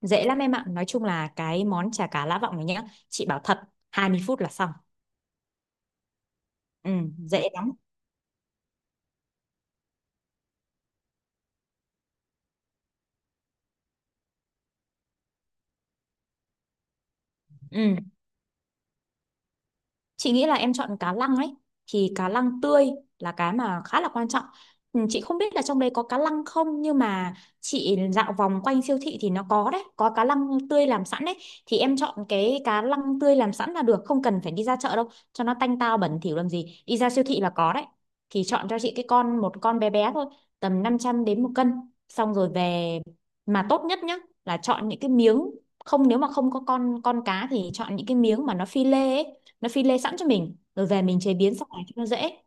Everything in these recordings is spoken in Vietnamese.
Dễ lắm em ạ. Nói chung là cái món chả cá Lã Vọng này nhá, chị bảo thật, 20 phút là xong. Ừ, dễ lắm. Ừ, chị nghĩ là em chọn cá lăng ấy, thì cá lăng tươi là cái mà khá là quan trọng. Ừ, chị không biết là trong đấy có cá lăng không, nhưng mà chị dạo vòng quanh siêu thị thì nó có đấy, có cá lăng tươi làm sẵn đấy, thì em chọn cái cá lăng tươi làm sẵn là được, không cần phải đi ra chợ đâu, cho nó tanh tao bẩn thỉu làm gì. Đi ra siêu thị là có đấy. Thì chọn cho chị cái con, một con bé bé thôi, tầm 500 g đến 1 cân. Xong rồi về, mà tốt nhất nhá là chọn những cái miếng, không, nếu mà không có con cá thì chọn những cái miếng mà nó phi lê ấy, nó phi lê sẵn cho mình rồi về mình chế biến sau này cho nó dễ.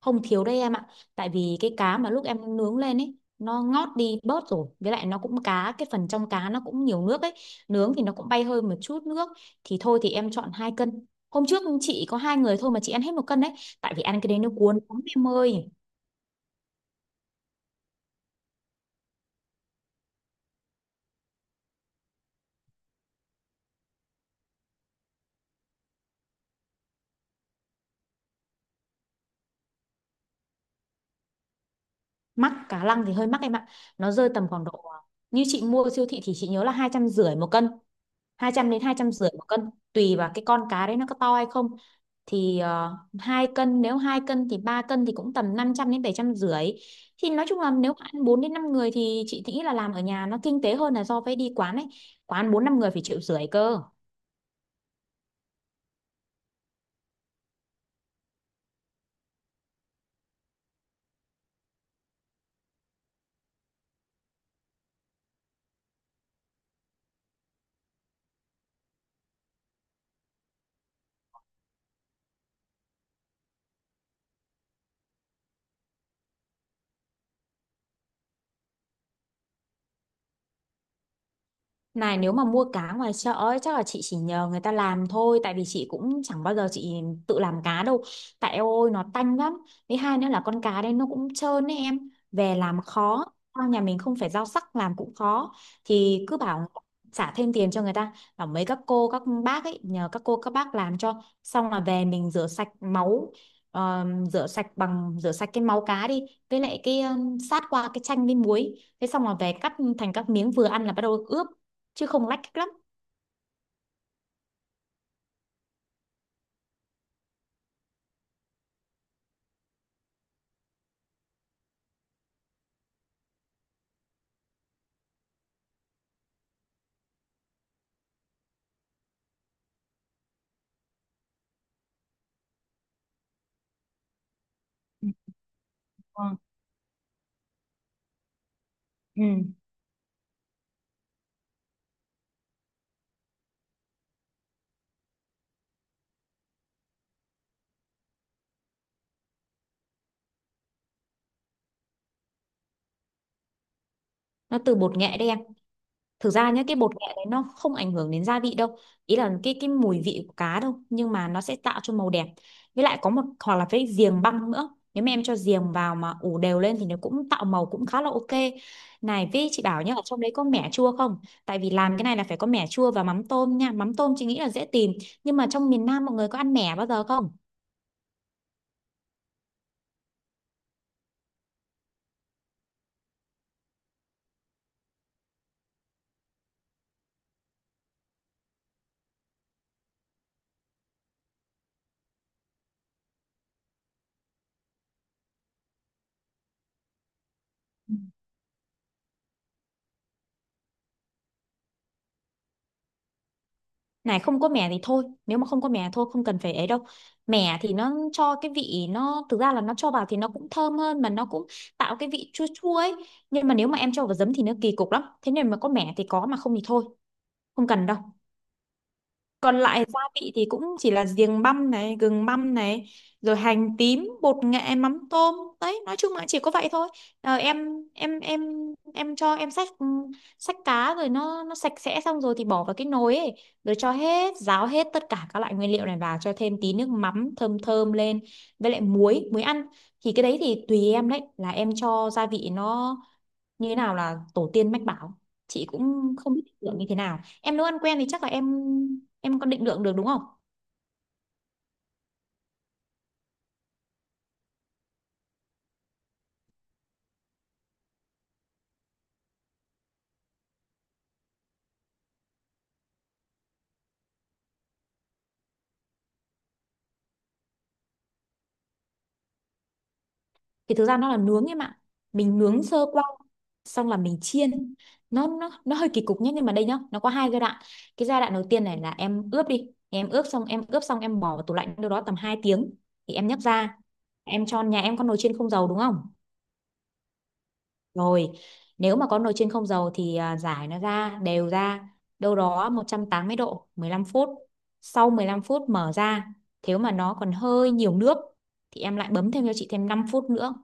Không thiếu đây em ạ, tại vì cái cá mà lúc em nướng lên ấy nó ngót đi bớt rồi, với lại nó cũng cá, cái phần trong cá nó cũng nhiều nước ấy, nướng thì nó cũng bay hơi một chút nước. Thì thôi thì em chọn 2 cân, hôm trước chị có hai người thôi mà chị ăn hết 1 cân đấy, tại vì ăn cái đấy nó cuốn lắm em ơi. Mắc, cá lăng thì hơi mắc em ạ, nó rơi tầm khoảng độ, như chị mua ở siêu thị thì chị nhớ là 250 nghìn một cân, 200 đến 250 nghìn một cân, tùy vào cái con cá đấy nó có to hay không. Thì 2 cân, nếu 2 cân thì 3 cân thì cũng tầm 500 đến 750 nghìn. Thì nói chung là nếu mà ăn 4 đến 5 người thì chị nghĩ là làm ở nhà nó kinh tế hơn là so với đi quán ấy, quán 4-5 người phải 1,5 triệu cơ. Này, nếu mà mua cá ngoài chợ ấy, chắc là chị chỉ nhờ người ta làm thôi, tại vì chị cũng chẳng bao giờ chị tự làm cá đâu, tại eo ôi nó tanh lắm, với hai nữa là con cá đây nó cũng trơn ấy, em về làm khó. Sao nhà mình không phải rau sắc làm cũng khó, thì cứ bảo trả thêm tiền cho người ta, bảo mấy các cô các bác ấy, nhờ các cô các bác làm cho, xong là về mình rửa sạch máu, ờ, rửa sạch, bằng rửa sạch cái máu cá đi, với lại cái sát qua cái chanh với muối, thế xong là về cắt thành các miếng vừa ăn là bắt đầu ướp, chứ không lách cách lắm. Ừ. Ờ. Ừ. Nó từ bột nghệ đen. Thực ra nhá, cái bột nghệ đấy nó không ảnh hưởng đến gia vị đâu, ý là cái mùi vị của cá đâu, nhưng mà nó sẽ tạo cho màu đẹp. Với lại có một, hoặc là với giềng băng nữa, nếu mà em cho giềng vào mà ủ đều lên thì nó cũng tạo màu cũng khá là ok. Này, với chị bảo nhá, ở trong đấy có mẻ chua không, tại vì làm cái này là phải có mẻ chua và mắm tôm nha, mắm tôm chị nghĩ là dễ tìm, nhưng mà trong miền Nam mọi người có ăn mẻ bao giờ không. Này, không có mè thì thôi, nếu mà không có mè thôi, không cần phải ấy đâu. Mè thì nó cho cái vị, nó thực ra là nó cho vào thì nó cũng thơm hơn, mà nó cũng tạo cái vị chua chua ấy, nhưng mà nếu mà em cho vào giấm thì nó kỳ cục lắm, thế nên mà có mè thì có, mà không thì thôi, không cần đâu. Còn lại gia vị thì cũng chỉ là giềng băm này, gừng băm này, rồi hành tím, bột nghệ, mắm tôm, đấy, nói chung là chỉ có vậy thôi. Ờ, em em em em cho em xách cá rồi, nó sạch sẽ xong rồi thì bỏ vào cái nồi ấy, rồi cho hết ráo hết tất cả các loại nguyên liệu này vào, cho thêm tí nước mắm thơm thơm lên, với lại muối muối ăn. Thì cái đấy thì tùy em đấy, là em cho gia vị nó như thế nào là tổ tiên mách bảo, chị cũng không biết định lượng như thế nào, em nấu ăn quen thì chắc là em có định lượng được đúng không. Thì thực ra nó là nướng em ạ, mình nướng sơ qua xong là mình chiên, nó hơi kỳ cục nhé, nhưng mà đây nhá, nó có 2 giai đoạn. Cái giai đoạn đầu tiên này là em ướp đi, em ướp xong em bỏ vào tủ lạnh đâu đó tầm 2 tiếng thì em nhấc ra, em cho, nhà em có nồi chiên không dầu đúng không. Rồi, nếu mà có nồi chiên không dầu thì rải nó ra, đều ra, đâu đó 180 độ, 15 phút. Sau 15 phút mở ra, nếu mà nó còn hơi nhiều nước thì em lại bấm thêm cho chị thêm 5 phút nữa.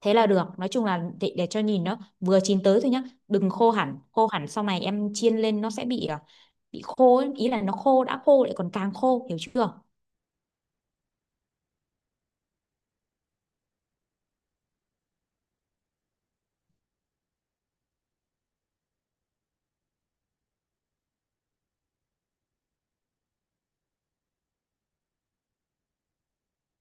Thế là được, nói chung là để cho nhìn nó vừa chín tới thôi nhá, đừng khô hẳn, khô hẳn sau này em chiên lên nó sẽ bị bị khô ấy. Ý là nó khô, đã khô lại còn càng khô, hiểu chưa?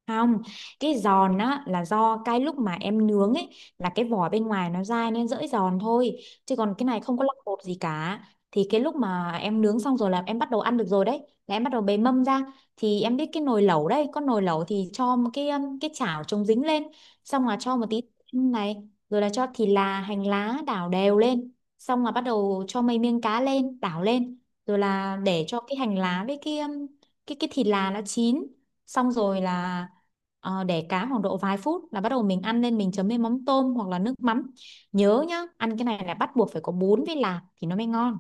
Không, cái giòn á là do cái lúc mà em nướng ấy, là cái vỏ bên ngoài nó dai nên dễ giòn thôi. Chứ còn cái này không có lọc bột gì cả. Thì cái lúc mà em nướng xong rồi là em bắt đầu ăn được rồi đấy. Là em bắt đầu bề mâm ra. Thì em biết cái nồi lẩu đấy, có nồi lẩu thì cho một cái chảo chống dính lên. Xong là cho một tí này, rồi là cho thịt là hành lá đảo đều lên. Xong là bắt đầu cho mấy miếng cá lên, đảo lên. Rồi là để cho cái hành lá với cái thịt là nó chín xong rồi là, để cá khoảng độ vài phút là bắt đầu mình ăn lên, mình chấm với mắm tôm hoặc là nước mắm. Nhớ nhá, ăn cái này là bắt buộc phải có bún với lạc thì nó mới ngon.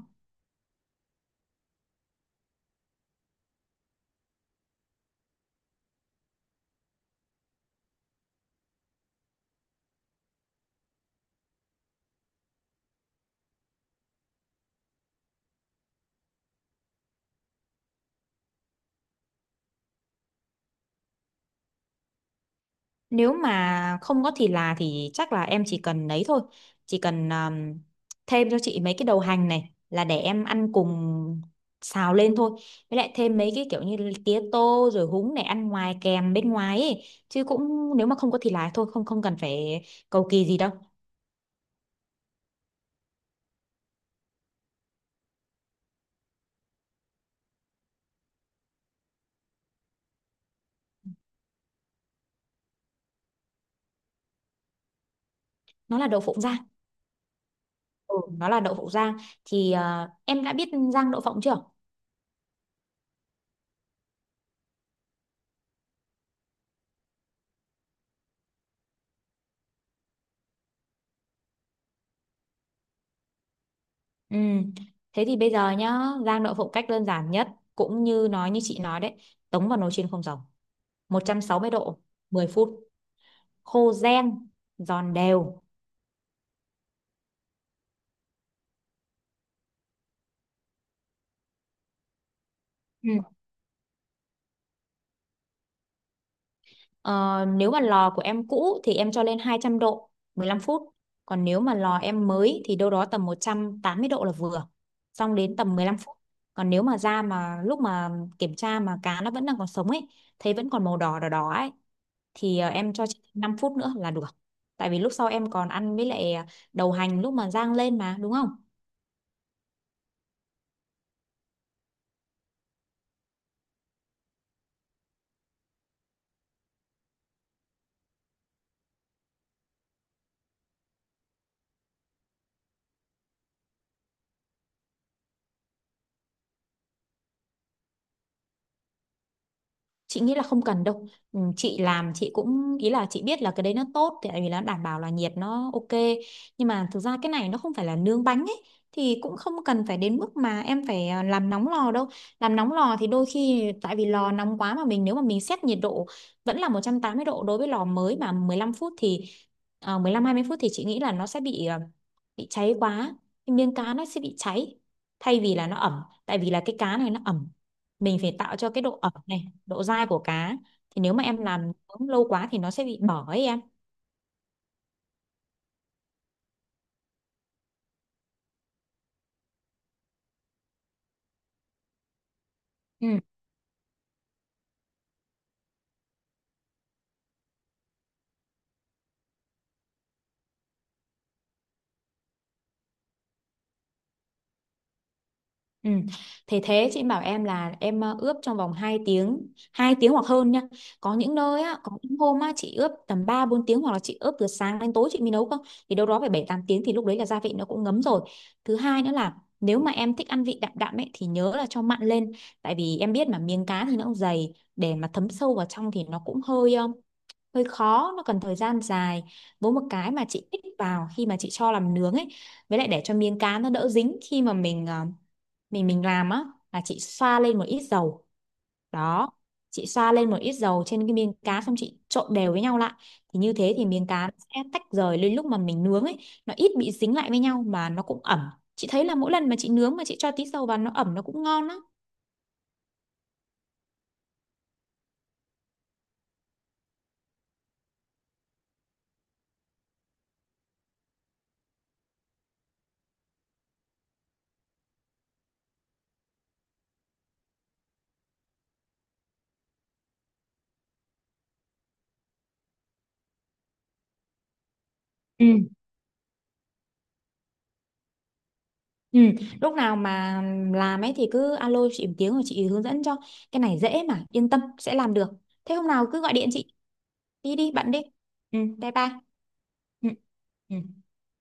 Nếu mà không có thịt là thì chắc là em chỉ cần lấy thôi, chỉ cần thêm cho chị mấy cái đầu hành này là để em ăn cùng, xào lên thôi, với lại thêm mấy cái kiểu như tía tô rồi húng để ăn ngoài kèm bên ngoài ấy. Chứ cũng nếu mà không có thịt là thôi, không không cần phải cầu kỳ gì đâu. Nó là đậu phộng rang. Ừ, nó là đậu phộng rang, thì em đã biết rang đậu phộng chưa? Ừ. Thế thì bây giờ nhá, rang đậu phộng cách đơn giản nhất, cũng như nói như chị nói đấy, tống vào nồi chiên không dầu, 160 độ, 10 phút, khô ren, giòn đều. Ừ. Ờ, nếu mà lò của em cũ thì em cho lên 200 độ, 15 phút. Còn nếu mà lò em mới thì đâu đó tầm 180 độ là vừa. Xong đến tầm 15 phút. Còn nếu mà da mà lúc mà kiểm tra mà cá nó vẫn đang còn sống ấy, thấy vẫn còn màu đỏ đỏ đỏ ấy, thì em cho chị 5 phút nữa là được, tại vì lúc sau em còn ăn với lại đầu hành lúc mà rang lên mà đúng không. Chị nghĩ là không cần đâu. Ừ, chị làm chị cũng, ý là chị biết là cái đấy nó tốt, thì tại vì nó đảm bảo là nhiệt nó ok, nhưng mà thực ra cái này nó không phải là nướng bánh ấy, thì cũng không cần phải đến mức mà em phải làm nóng lò đâu. Làm nóng lò thì đôi khi tại vì lò nóng quá, mà mình, nếu mà mình xét nhiệt độ vẫn là 180 độ đối với lò mới mà 15 phút, thì 15-20 phút thì chị nghĩ là nó sẽ bị bị cháy quá, cái miếng cá nó sẽ bị cháy, thay vì là nó ẩm, tại vì là cái cá này nó ẩm, mình phải tạo cho cái độ ẩm này, độ dai của cá. Thì nếu mà em làm nướng lâu quá thì nó sẽ bị bở ấy em. Ừ. Ừ. Thế thế chị bảo em là em ướp trong vòng 2 tiếng, 2 tiếng hoặc hơn nha, có những nơi á, có những hôm á chị ướp tầm 3-4 tiếng, hoặc là chị ướp từ sáng đến tối chị mới nấu cơ. Thì đâu đó phải 7-8 tiếng thì lúc đấy là gia vị nó cũng ngấm rồi. Thứ 2 nữa là nếu mà em thích ăn vị đậm đậm ấy thì nhớ là cho mặn lên, tại vì em biết mà miếng cá thì nó cũng dày, để mà thấm sâu vào trong thì nó cũng hơi hơi khó, nó cần thời gian dài. Với một cái mà chị tích vào khi mà chị cho làm nướng ấy, với lại để cho miếng cá nó đỡ dính khi mà mình làm á, là chị xoa lên một ít dầu, đó, chị xoa lên một ít dầu trên cái miếng cá xong chị trộn đều với nhau lại, thì như thế thì miếng cá nó sẽ tách rời lên lúc mà mình nướng ấy, nó ít bị dính lại với nhau mà nó cũng ẩm. Chị thấy là mỗi lần mà chị nướng mà chị cho tí dầu vào nó ẩm, nó cũng ngon á. Ừ. Ừ, lúc nào mà làm ấy thì cứ alo chị một tiếng rồi chị hướng dẫn cho. Cái này dễ mà, yên tâm sẽ làm được. Thế hôm nào cứ gọi điện chị, đi đi bạn đi. Ừ, bye bye. Ừ. Ừ.